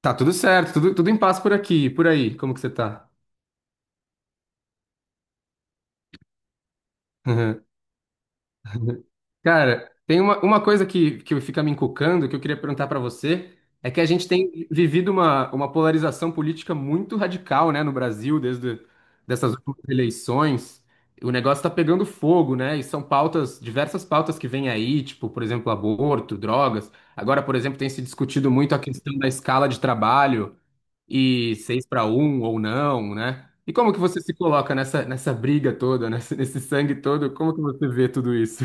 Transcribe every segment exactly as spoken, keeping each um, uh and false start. Tá tudo certo, tudo, tudo em paz por aqui, por aí. Como que você tá? Cara, tem uma, uma coisa que, que fica me encucando, que eu queria perguntar pra você, é que a gente tem vivido uma, uma polarização política muito radical, né, no Brasil, desde dessas últimas eleições. O negócio tá pegando fogo, né? E são pautas, diversas pautas que vêm aí, tipo, por exemplo, aborto, drogas. Agora, por exemplo, tem se discutido muito a questão da escala de trabalho. E seis para um ou não, né? E como que você se coloca nessa, nessa briga toda, nessa- nesse sangue todo? Como que você vê tudo isso?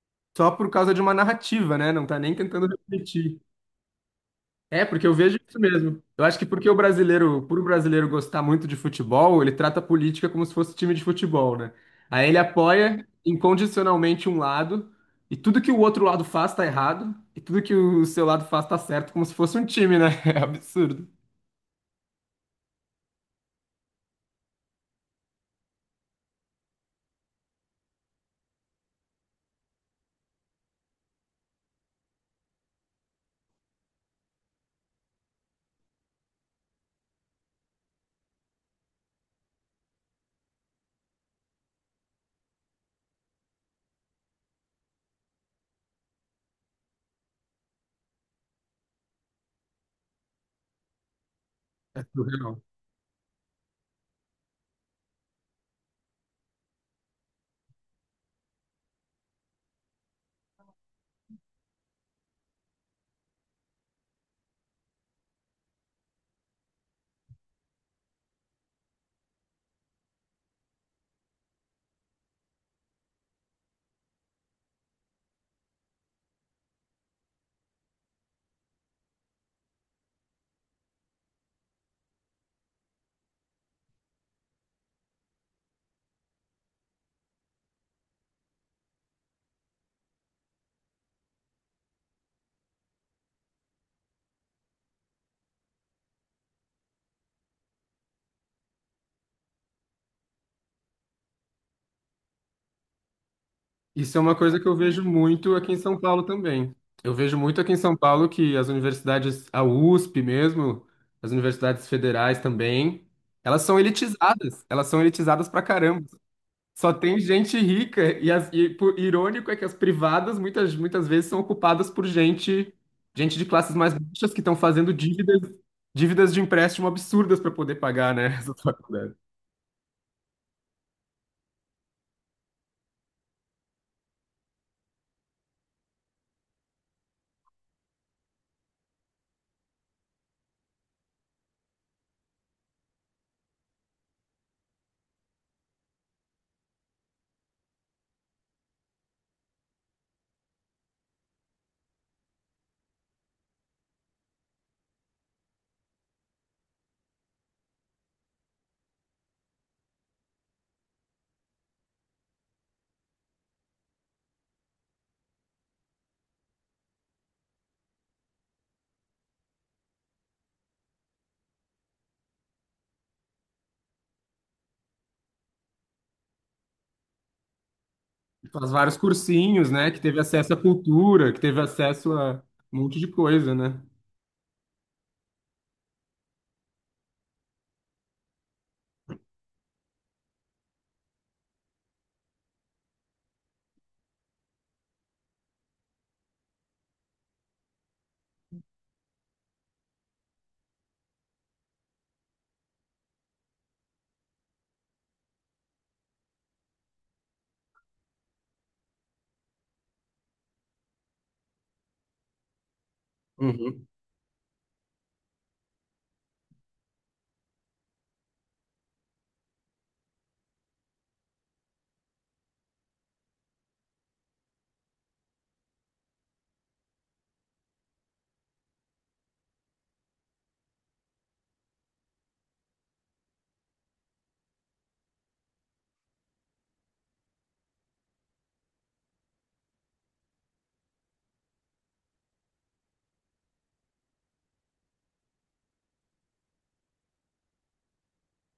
Só por causa de uma narrativa, né? Não tá nem tentando refletir. É, porque eu vejo isso mesmo. Eu acho que porque o brasileiro, por o brasileiro gostar muito de futebol, ele trata a política como se fosse time de futebol, né? Aí ele apoia incondicionalmente um lado, e tudo que o outro lado faz tá errado, e tudo que o seu lado faz tá certo, como se fosse um time, né? É absurdo. É surreal. Isso é uma coisa que eu vejo muito aqui em São Paulo também. Eu vejo muito aqui em São Paulo que as universidades, a U S P mesmo, as universidades federais também, elas são elitizadas. Elas são elitizadas pra caramba. Só tem gente rica e, as, e por, irônico é que as privadas muitas, muitas vezes são ocupadas por gente, gente de classes mais baixas que estão fazendo dívidas, dívidas de empréstimo absurdas para poder pagar, né? Faz vários cursinhos, né? Que teve acesso à cultura, que teve acesso a um monte de coisa, né? Uhum.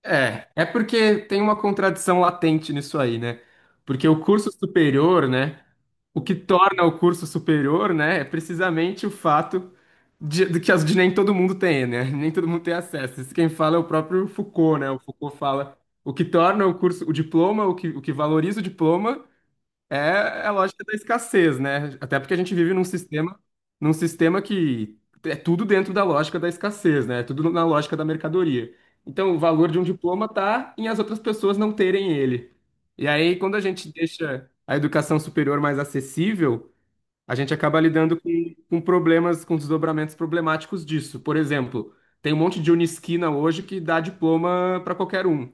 É, é porque tem uma contradição latente nisso aí, né? Porque o curso superior, né? O que torna o curso superior, né? É precisamente o fato de, de que as, de nem todo mundo tem, né? Nem todo mundo tem acesso. Isso quem fala é o próprio Foucault, né? O Foucault fala o que torna o curso, o diploma, o que, o que valoriza o diploma. É é a lógica da escassez, né? Até porque a gente vive num sistema, num sistema que é tudo dentro da lógica da escassez, né? É tudo na lógica da mercadoria. Então, o valor de um diploma tá em as outras pessoas não terem ele. E aí, quando a gente deixa a educação superior mais acessível, a gente acaba lidando com, com problemas, com desdobramentos problemáticos disso. Por exemplo, tem um monte de Unisquina hoje que dá diploma para qualquer um.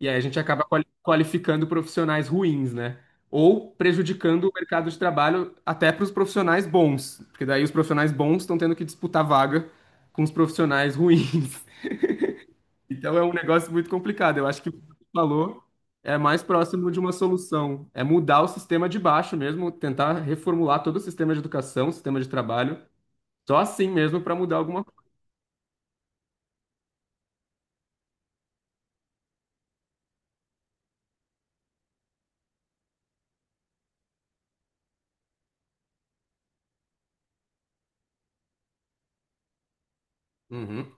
E aí a gente acaba quali- qualificando profissionais ruins, né? Ou prejudicando o mercado de trabalho até para os profissionais bons, porque daí os profissionais bons estão tendo que disputar vaga com os profissionais ruins. Então é um negócio muito complicado. Eu acho que o que você falou é mais próximo de uma solução, é mudar o sistema de baixo mesmo, tentar reformular todo o sistema de educação, sistema de trabalho, só assim mesmo para mudar alguma coisa. Uhum,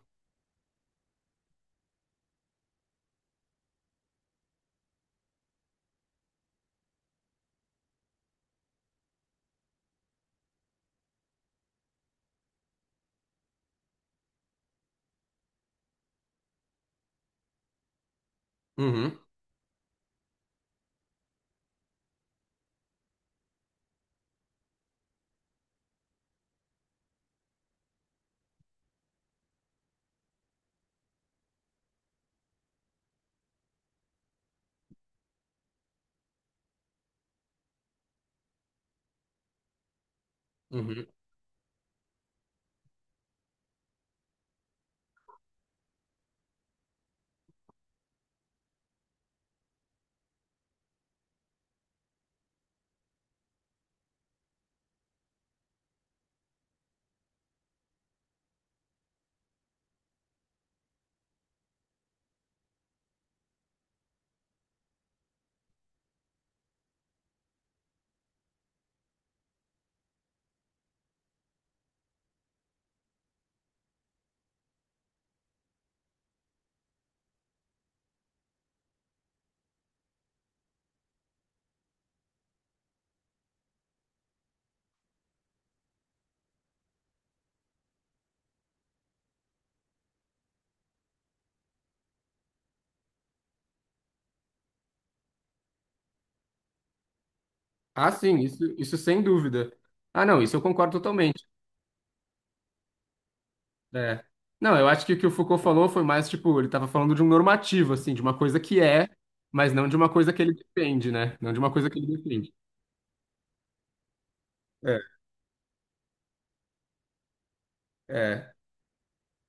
uhum, uhum. Ah, sim, isso, isso sem dúvida. Ah, não, isso eu concordo totalmente. É. Não, eu acho que o que o Foucault falou foi mais, tipo, ele estava falando de um normativo, assim, de uma coisa que é, mas não de uma coisa que ele defende, né? Não de uma coisa que ele defende. É, é.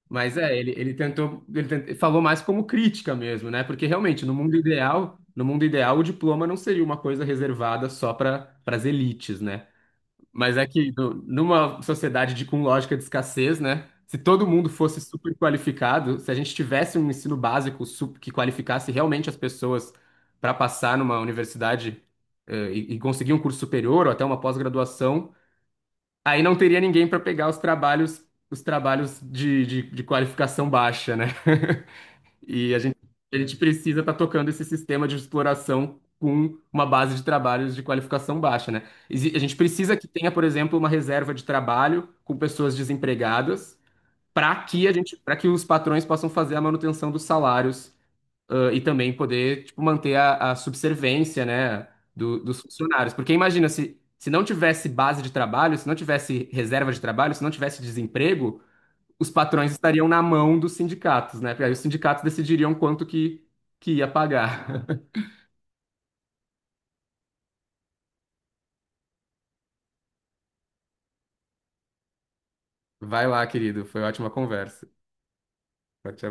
Mas é, ele, ele tentou, ele tent- ele falou mais como crítica mesmo, né? Porque realmente, no mundo ideal, no mundo ideal, o diploma não seria uma coisa reservada só para as elites, né? Mas é que no- numa sociedade de, com lógica de escassez, né? Se todo mundo fosse super qualificado, se a gente tivesse um ensino básico su- que qualificasse realmente as pessoas para passar numa universidade, eh, e, e conseguir um curso superior ou até uma pós-graduação, aí não teria ninguém para pegar os trabalhos, os trabalhos de, de, de qualificação baixa, né? E a gente, a gente precisa estar tocando esse sistema de exploração com uma base de trabalhos de qualificação baixa, né? Exi- A gente precisa que tenha, por exemplo, uma reserva de trabalho com pessoas desempregadas para que a gente, para que os patrões possam fazer a manutenção dos salários, ãh, e também poder, tipo, manter a, a subservência, né, do- dos funcionários. Porque imagina se se não tivesse base de trabalho, se não tivesse reserva de trabalho, se não tivesse desemprego os patrões estariam na mão dos sindicatos, né? Porque aí os sindicatos decidiriam quanto que, que ia pagar. Vai lá, querido. Foi ótima conversa. Tchau, tchau.